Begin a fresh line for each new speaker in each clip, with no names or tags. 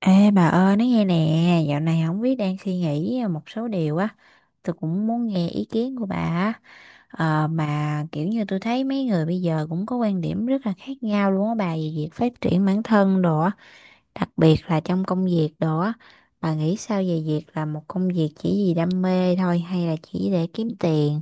Ê bà ơi nói nghe nè. Dạo này không biết đang suy nghĩ một số điều á, tôi cũng muốn nghe ý kiến của bà á. Mà kiểu như tôi thấy mấy người bây giờ cũng có quan điểm rất là khác nhau luôn á bà, về việc phát triển bản thân đồ á, đặc biệt là trong công việc đồ á. Bà nghĩ sao về việc là một công việc chỉ vì đam mê thôi, hay là chỉ để kiếm tiền?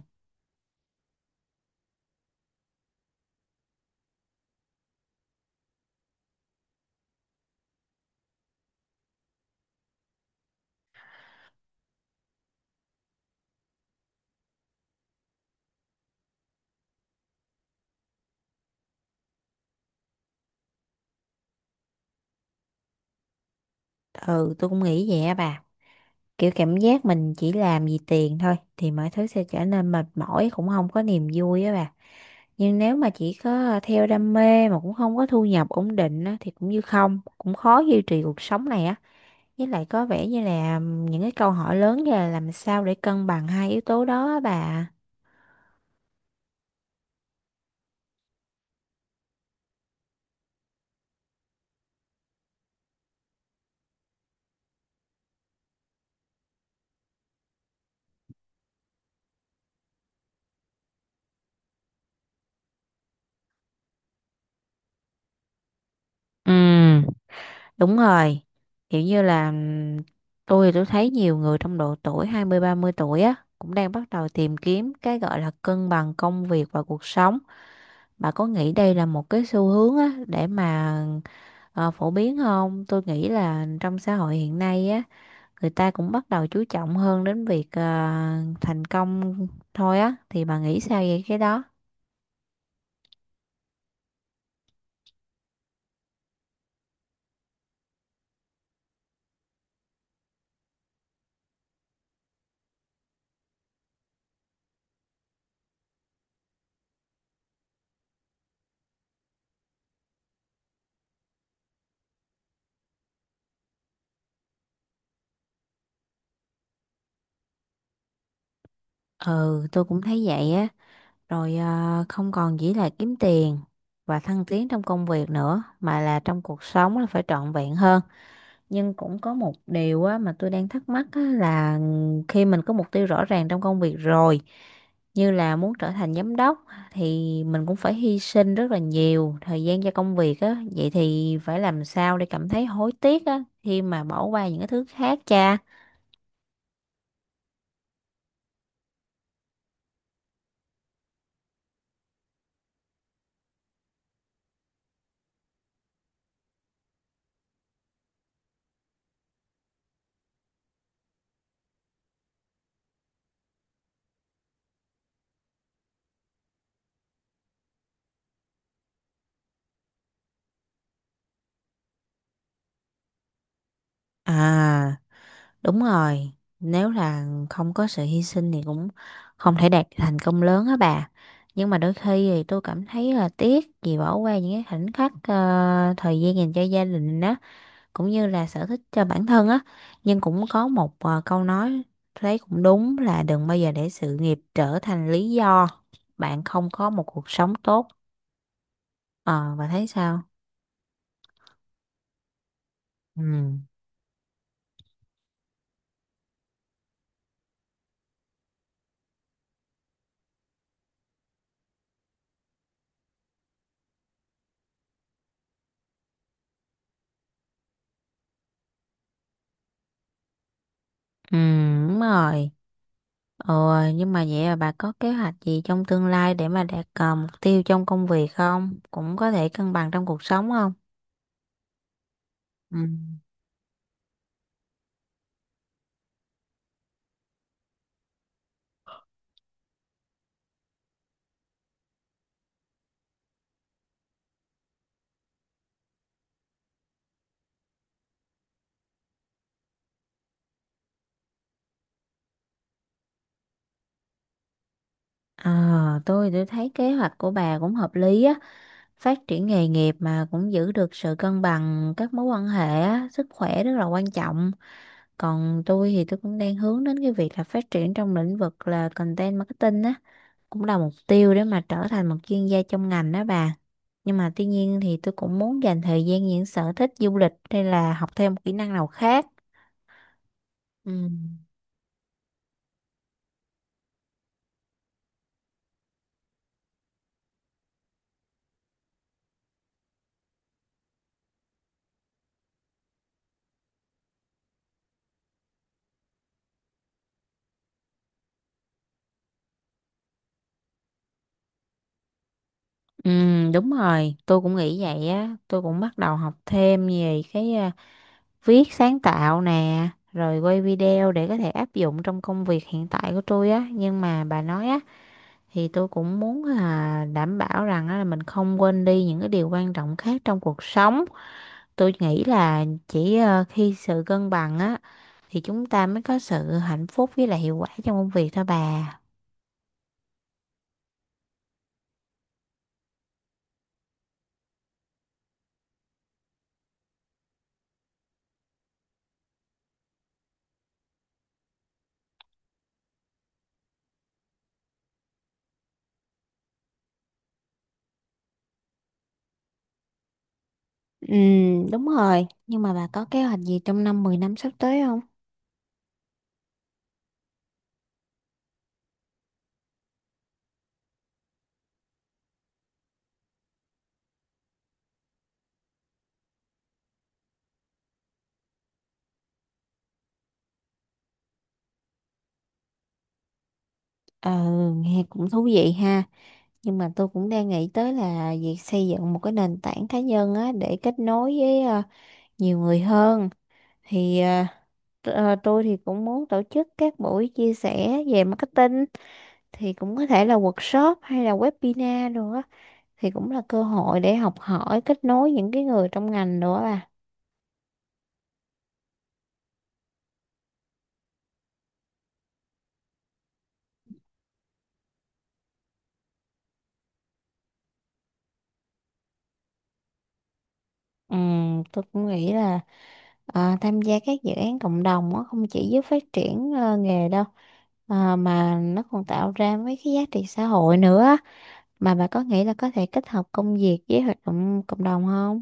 Ừ, tôi cũng nghĩ vậy á bà. Kiểu cảm giác mình chỉ làm vì tiền thôi thì mọi thứ sẽ trở nên mệt mỏi, cũng không có niềm vui á bà. Nhưng nếu mà chỉ có theo đam mê mà cũng không có thu nhập ổn định á, thì cũng như không, cũng khó duy trì cuộc sống này á. Với lại có vẻ như là những cái câu hỏi lớn như là làm sao để cân bằng hai yếu tố đó á bà. Ừ, đúng rồi, kiểu như là, tôi thì tôi thấy nhiều người trong độ tuổi hai mươi ba mươi tuổi á cũng đang bắt đầu tìm kiếm cái gọi là cân bằng công việc và cuộc sống. Bà có nghĩ đây là một cái xu hướng á để mà phổ biến không? Tôi nghĩ là trong xã hội hiện nay á, người ta cũng bắt đầu chú trọng hơn đến việc thành công thôi á, thì bà nghĩ sao về cái đó? Ừ, tôi cũng thấy vậy á. Rồi à, không còn chỉ là kiếm tiền và thăng tiến trong công việc nữa mà là trong cuộc sống là phải trọn vẹn hơn. Nhưng cũng có một điều á, mà tôi đang thắc mắc á, là khi mình có mục tiêu rõ ràng trong công việc rồi, như là muốn trở thành giám đốc, thì mình cũng phải hy sinh rất là nhiều thời gian cho công việc á, vậy thì phải làm sao để cảm thấy hối tiếc á khi mà bỏ qua những cái thứ khác cha. À, đúng rồi, nếu là không có sự hy sinh thì cũng không thể đạt thành công lớn á bà. Nhưng mà đôi khi thì tôi cảm thấy là tiếc vì bỏ qua những cái khoảnh khắc thời gian dành cho gia đình á, cũng như là sở thích cho bản thân á. Nhưng cũng có một câu nói thấy cũng đúng là đừng bao giờ để sự nghiệp trở thành lý do bạn không có một cuộc sống tốt. Ờ, bà thấy sao? Ừ. Ừ, đúng rồi. Ồ, nhưng mà vậy là bà có kế hoạch gì trong tương lai để mà đạt mục tiêu trong công việc không? Cũng có thể cân bằng trong cuộc sống không? Ừ. À, tôi thấy kế hoạch của bà cũng hợp lý á. Phát triển nghề nghiệp mà cũng giữ được sự cân bằng các mối quan hệ á, sức khỏe rất là quan trọng. Còn tôi thì tôi cũng đang hướng đến cái việc là phát triển trong lĩnh vực là content marketing á, cũng là mục tiêu để mà trở thành một chuyên gia trong ngành đó bà. Nhưng mà tuy nhiên thì tôi cũng muốn dành thời gian những sở thích du lịch hay là học thêm một kỹ năng nào khác. Ừ. Ừ, đúng rồi, tôi cũng nghĩ vậy á. Tôi cũng bắt đầu học thêm về cái viết sáng tạo nè, rồi quay video để có thể áp dụng trong công việc hiện tại của tôi á. Nhưng mà bà nói á, thì tôi cũng muốn là đảm bảo rằng á là mình không quên đi những cái điều quan trọng khác trong cuộc sống. Tôi nghĩ là chỉ khi sự cân bằng á thì chúng ta mới có sự hạnh phúc với lại hiệu quả trong công việc thôi bà. Ừ, đúng rồi. Nhưng mà bà có kế hoạch gì trong năm 10 năm sắp tới không? Ờ, nghe cũng thú vị ha. Nhưng mà tôi cũng đang nghĩ tới là việc xây dựng một cái nền tảng cá nhân á để kết nối với nhiều người hơn. Thì tôi thì cũng muốn tổ chức các buổi chia sẻ về marketing, thì cũng có thể là workshop hay là webinar đồ á, thì cũng là cơ hội để học hỏi kết nối những cái người trong ngành đồ á bà. Tôi cũng nghĩ là tham gia các dự án cộng đồng á không chỉ giúp phát triển nghề đâu, mà nó còn tạo ra mấy cái giá trị xã hội nữa. Mà bà có nghĩ là có thể kết hợp công việc với hoạt động cộng đồng không?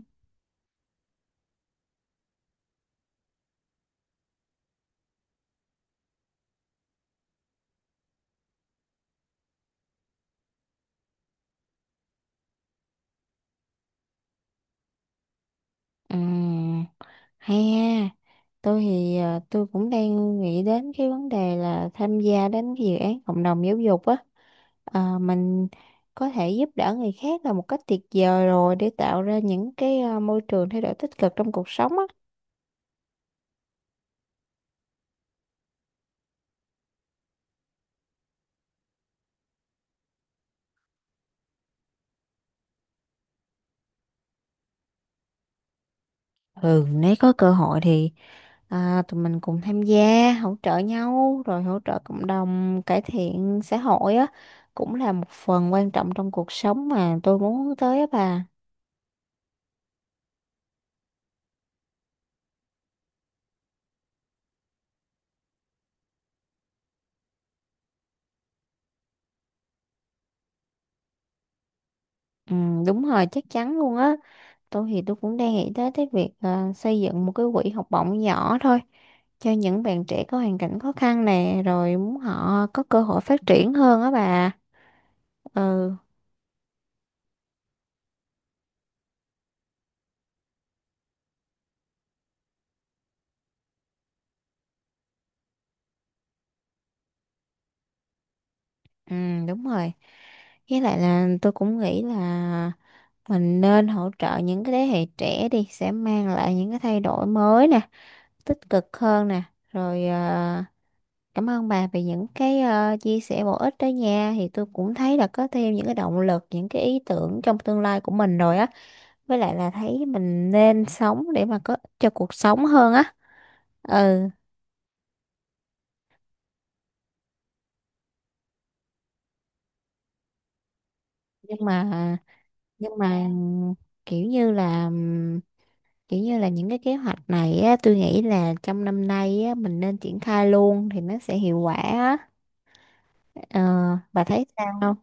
Ừm. Hay ha, tôi thì tôi cũng đang nghĩ đến cái vấn đề là tham gia đến cái dự án cộng đồng giáo dục á. À, mình có thể giúp đỡ người khác là một cách tuyệt vời rồi để tạo ra những cái môi trường thay đổi tích cực trong cuộc sống á. Ừ, nếu có cơ hội thì tụi mình cùng tham gia, hỗ trợ nhau, rồi hỗ trợ cộng đồng, cải thiện xã hội á. Cũng là một phần quan trọng trong cuộc sống mà tôi muốn hướng tới á bà. Ừ, đúng rồi, chắc chắn luôn á. Tôi thì tôi cũng đang nghĩ tới cái việc xây dựng một cái quỹ học bổng nhỏ thôi cho những bạn trẻ có hoàn cảnh khó khăn nè, rồi muốn họ có cơ hội phát triển hơn á bà. Ừ. Ừ, đúng rồi, với lại là tôi cũng nghĩ là mình nên hỗ trợ những cái thế hệ trẻ đi sẽ mang lại những cái thay đổi mới nè, tích cực hơn nè. Rồi cảm ơn bà về những cái chia sẻ bổ ích đó nha, thì tôi cũng thấy là có thêm những cái động lực, những cái ý tưởng trong tương lai của mình rồi á. Với lại là thấy mình nên sống để mà có cho cuộc sống hơn á. Ừ. nhưng mà nhưng mà kiểu như là, kiểu như là những cái kế hoạch này á, tôi nghĩ là trong năm nay á mình nên triển khai luôn thì nó sẽ hiệu quả á. Ờ, bà thấy sao không?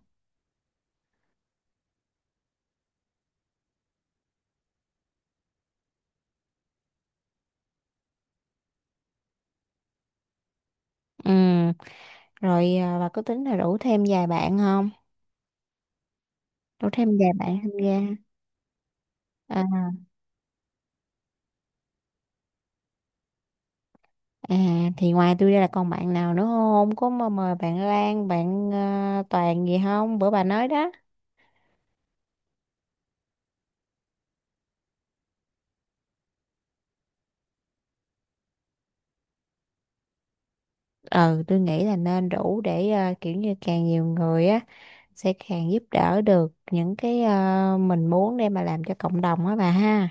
Ừ. Rồi à, bà có tính là rủ thêm vài bạn không? Rủ thêm vài bạn tham gia. À, à thì ngoài tôi ra là còn bạn nào nữa không, có mà mời bạn Lan, bạn Toàn gì không, bữa bà nói đó. Ừ, tôi nghĩ là nên đủ để kiểu như càng nhiều người á sẽ càng giúp đỡ được những cái mình muốn để mà làm cho cộng đồng á bà ha.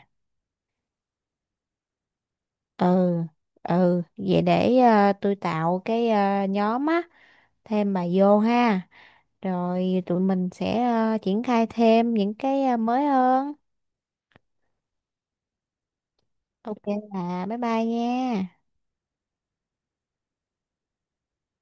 Ừ. Ừ, vậy để tôi tạo cái nhóm á, thêm bà vô ha, rồi tụi mình sẽ triển khai thêm những cái mới hơn. Ok bà, bye bye nha.